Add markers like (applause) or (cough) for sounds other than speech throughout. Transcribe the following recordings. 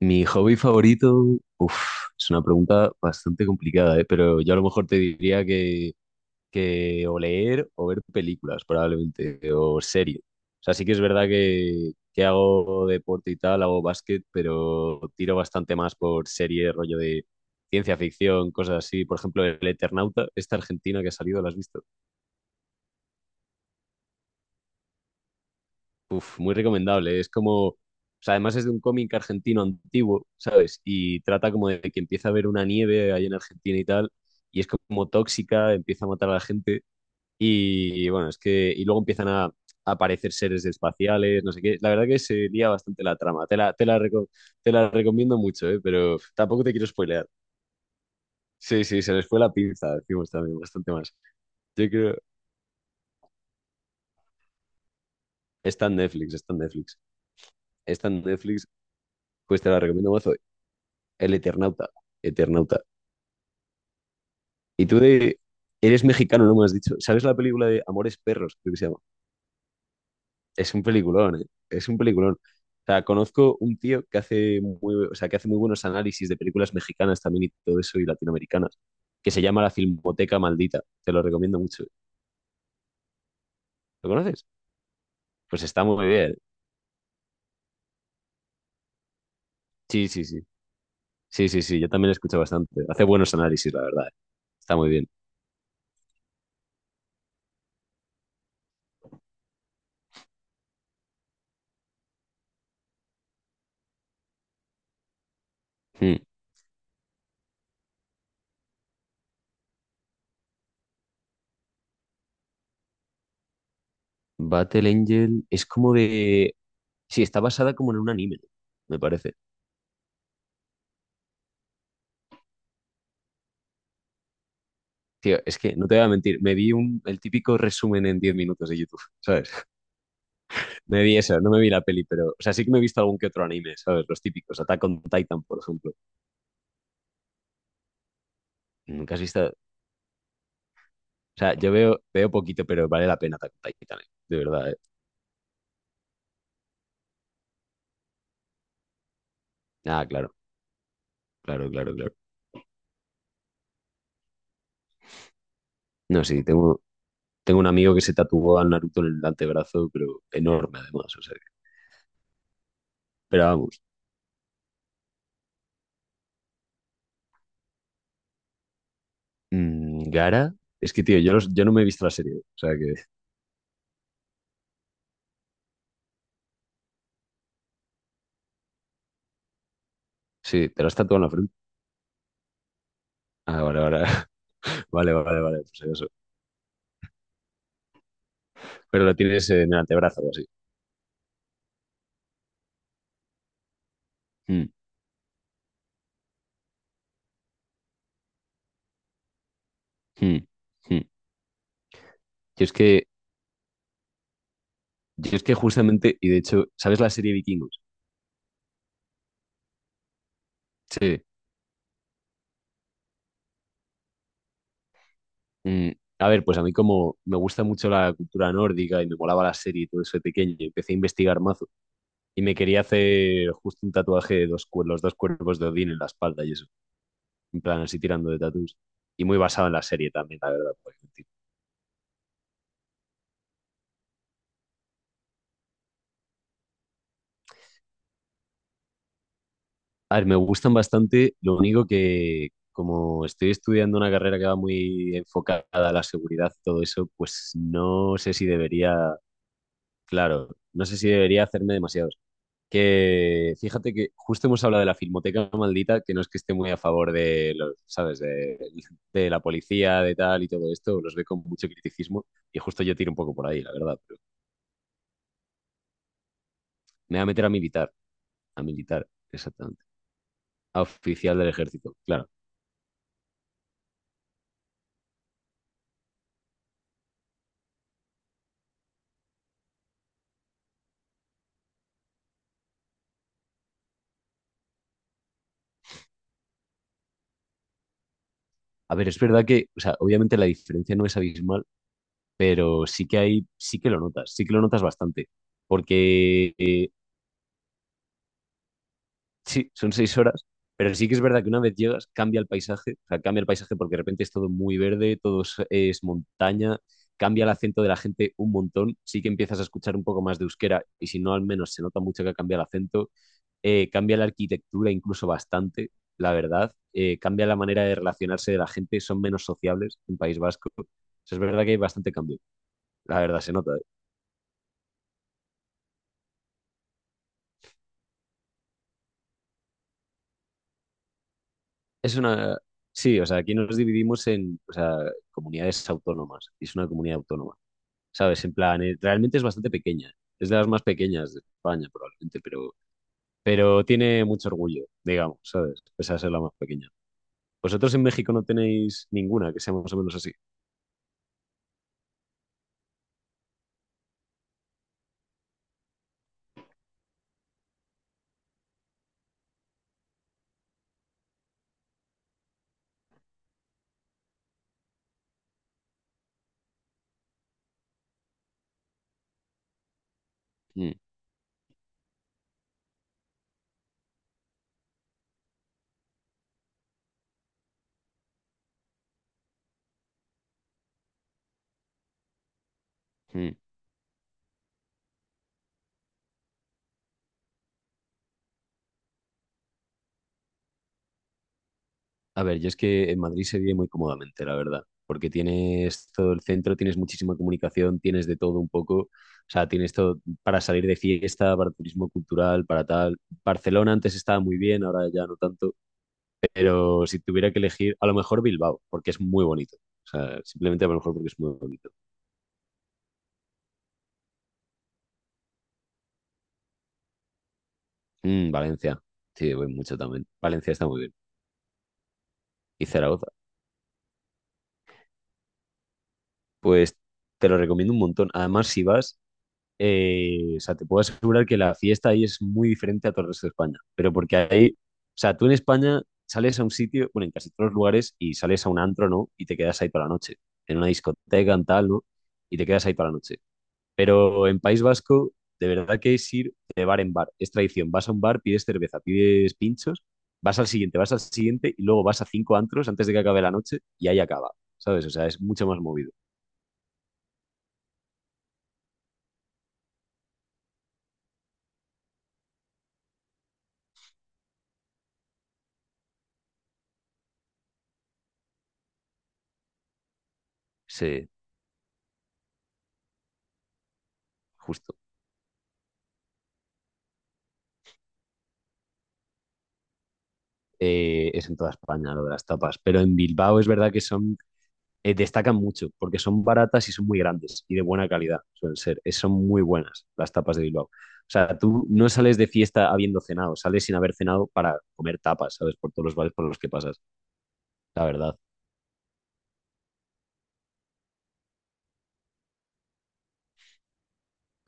Mi hobby favorito, uf, es una pregunta bastante complicada, ¿eh? Pero yo a lo mejor te diría que o leer o ver películas, probablemente, o series. O sea, sí que es verdad que hago deporte y tal, hago básquet, pero tiro bastante más por series, rollo de ciencia ficción, cosas así. Por ejemplo, El Eternauta, esta argentina que ha salido, ¿la has visto? Uf, muy recomendable. Es como, o sea, además es de un cómic argentino antiguo, ¿sabes? Y trata como de que empieza a haber una nieve ahí en Argentina y tal, y es como tóxica, empieza a matar a la gente, y bueno, es que, y luego empiezan a aparecer seres espaciales, no sé qué. La verdad que se lía bastante la trama. Te la recomiendo mucho, ¿eh? Pero tampoco te quiero spoilear. Sí, sí, se les fue la pinza, decimos también, bastante más. Yo creo, está en Netflix, está en Netflix. Está en Netflix, pues te la recomiendo mazo. El Eternauta. Eternauta. Y tú de... Eres mexicano, no me has dicho. ¿Sabes la película de Amores Perros? Creo que se llama. Es un peliculón, ¿eh? Es un peliculón. O sea, conozco un tío que hace muy, o sea, que hace muy buenos análisis de películas mexicanas también y todo eso y latinoamericanas, que se llama La Filmoteca Maldita. Te lo recomiendo mucho. ¿Lo conoces? Pues está muy bien. Sí, sí, sí. Sí, sí, sí. Yo también lo escucho bastante. Hace buenos análisis, la verdad, ¿eh? Está muy bien. Hmm. Battle Angel es como de... Sí, está basada como en un anime, me parece. Tío, es que no te voy a mentir, el típico resumen en 10 minutos de YouTube, ¿sabes? (laughs) Me vi eso, no me vi la peli, pero, o sea, sí que me he visto algún que otro anime, ¿sabes? Los típicos, Attack on Titan, por ejemplo. Nunca has visto, o sea, yo veo, veo poquito, pero vale la pena Attack on Titan, de verdad, ¿eh? Ah, claro, claro, claro, claro. No, sí, tengo un amigo que se tatuó a Naruto en el antebrazo, pero enorme además, o sea, que- pero vamos. Mm, Gara, es que, tío, yo, yo no me he visto la serie, o sea que, sí, te lo has tatuado en la frente. Ah, vale, vale, (laughs) vale, vale, vale, pues eso, pero la tienes en el antebrazo o así. Mm, mm, mm. Yo es que, yo es que justamente, y de hecho, ¿sabes la serie Vikingos? Sí. Mm, a ver, pues a mí como me gusta mucho la cultura nórdica y me molaba la serie y todo eso de pequeño, y empecé a investigar mazo y me quería hacer justo un tatuaje de los dos cuerpos de Odín en la espalda y eso, en plan así tirando de tatuajes. Y muy basado en la serie también, la verdad, porque a ver, me gustan bastante, lo único que como estoy estudiando una carrera que va muy enfocada a la seguridad y todo eso, pues no sé si debería, claro, no sé si debería hacerme demasiados. Que fíjate que justo hemos hablado de la Filmoteca Maldita, que no es que esté muy a favor de los, ¿sabes? De la policía, de tal y todo esto, los ve con mucho criticismo y justo yo tiro un poco por ahí, la verdad, pero me voy a meter a militar, exactamente, a oficial del ejército, claro. A ver, es verdad que, o sea, obviamente la diferencia no es abismal, pero sí que hay, sí que lo notas, sí que lo notas bastante, porque sí, son 6 horas, pero sí que es verdad que una vez llegas cambia el paisaje, o sea, cambia el paisaje porque de repente es todo muy verde, todo es montaña, cambia el acento de la gente un montón, sí que empiezas a escuchar un poco más de euskera y si no al menos se nota mucho que cambia el acento, cambia la arquitectura incluso bastante, la verdad, cambia la manera de relacionarse de la gente, son menos sociables en País Vasco. O sea, es verdad que hay bastante cambio, la verdad se nota, ¿eh? Es una... Sí, o sea, aquí nos dividimos en, o sea, comunidades autónomas, y es una comunidad autónoma, ¿sabes? En plan, realmente es bastante pequeña. Es de las más pequeñas de España, probablemente, pero tiene mucho orgullo, digamos, ¿sabes? Pese a ser la más pequeña. Vosotros en México no tenéis ninguna que sea más o menos así. Mm, mm. A ver, yo es que en Madrid se vive muy cómodamente, la verdad, porque tienes todo el centro, tienes muchísima comunicación, tienes de todo un poco. O sea, tienes todo para salir de fiesta, para turismo cultural, para tal. Barcelona antes estaba muy bien, ahora ya no tanto. Pero si tuviera que elegir, a lo mejor Bilbao, porque es muy bonito. O sea, simplemente a lo mejor porque es muy bonito. Mm, Valencia, sí, voy mucho también. Valencia está muy bien. Y Zaragoza, pues te lo recomiendo un montón. Además, si vas, o sea, te puedo asegurar que la fiesta ahí es muy diferente a todo el resto de España. Pero porque ahí, o sea, tú en España sales a un sitio, bueno, en casi todos los lugares, y sales a un antro, ¿no? Y te quedas ahí toda la noche. En una discoteca, en tal, ¿no? Y te quedas ahí toda la noche. Pero en País Vasco, de verdad que es ir de bar en bar. Es tradición. Vas a un bar, pides cerveza, pides pinchos, vas al siguiente y luego vas a cinco antros antes de que acabe la noche y ahí acaba. ¿Sabes? O sea, es mucho más movido. Sí, justo. Es en toda España lo de las tapas, pero en Bilbao es verdad que son, destacan mucho porque son baratas y son muy grandes y de buena calidad, suelen ser. Son muy buenas las tapas de Bilbao. O sea, tú no sales de fiesta habiendo cenado, sales sin haber cenado para comer tapas, ¿sabes? Por todos los bares por los que pasas. La verdad,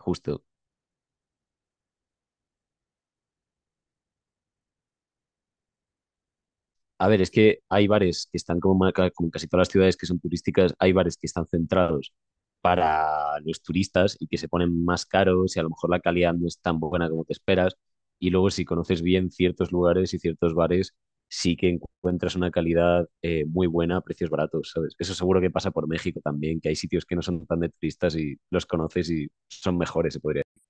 justo. A ver, es que hay bares que están como, como casi todas las ciudades que son turísticas, hay bares que están centrados para los turistas y que se ponen más caros y a lo mejor la calidad no es tan buena como te esperas. Y luego si conoces bien ciertos lugares y ciertos bares, sí que encuentras una calidad muy buena a precios baratos, ¿sabes? Eso seguro que pasa por México también, que hay sitios que no son tan de turistas y los conoces y son mejores, se podría decir.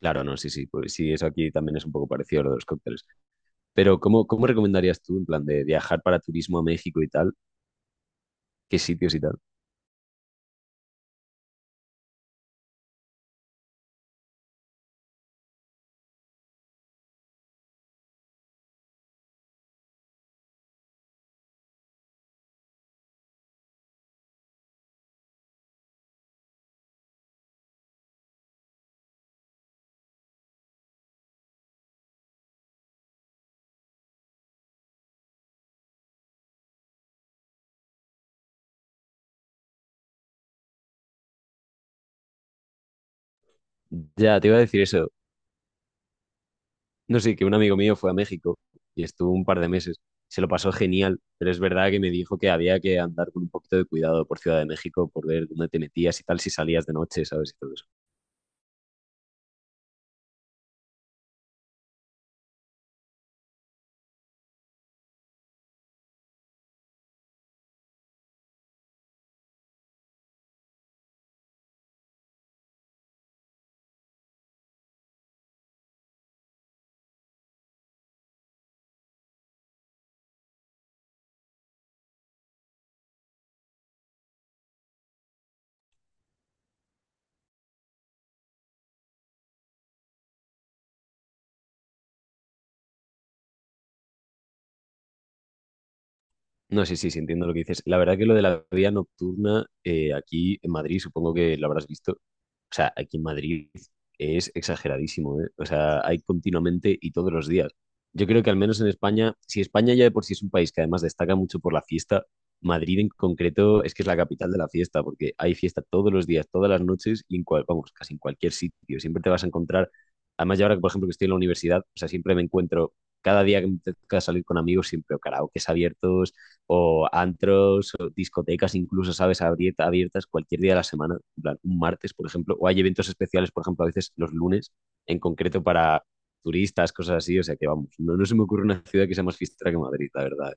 Claro, no, sí, sí, pues sí, eso aquí también es un poco parecido a lo de los cócteles. Pero ¿cómo, cómo recomendarías tú, en plan, de viajar para turismo a México y tal? ¿Qué sitios y tal? Ya, te iba a decir eso. No sé, que un amigo mío fue a México y estuvo un par de meses. Se lo pasó genial, pero es verdad que me dijo que había que andar con un poquito de cuidado por Ciudad de México, por ver dónde te metías y tal, si salías de noche, ¿sabes? Y todo eso. No, sí, sí, sí, entiendo lo que dices. La verdad que lo de la vida nocturna, aquí en Madrid, supongo que lo habrás visto. O sea, aquí en Madrid es exageradísimo, ¿eh? O sea, hay continuamente y todos los días. Yo creo que al menos en España, si España ya de por sí es un país que además destaca mucho por la fiesta, Madrid en concreto es que es la capital de la fiesta, porque hay fiesta todos los días, todas las noches y en cual, vamos, casi en cualquier sitio. Siempre te vas a encontrar, además yo ahora que por ejemplo que estoy en la universidad, o sea, siempre me encuentro, cada día que me toca salir con amigos, siempre o karaokes abiertos, o antros, o discotecas incluso, ¿sabes? Abierta, abiertas cualquier día de la semana, en plan, un martes, por ejemplo, o hay eventos especiales, por ejemplo, a veces los lunes, en concreto para turistas, cosas así, o sea que vamos, no, no se me ocurre una ciudad que sea más fiestera que Madrid, la verdad.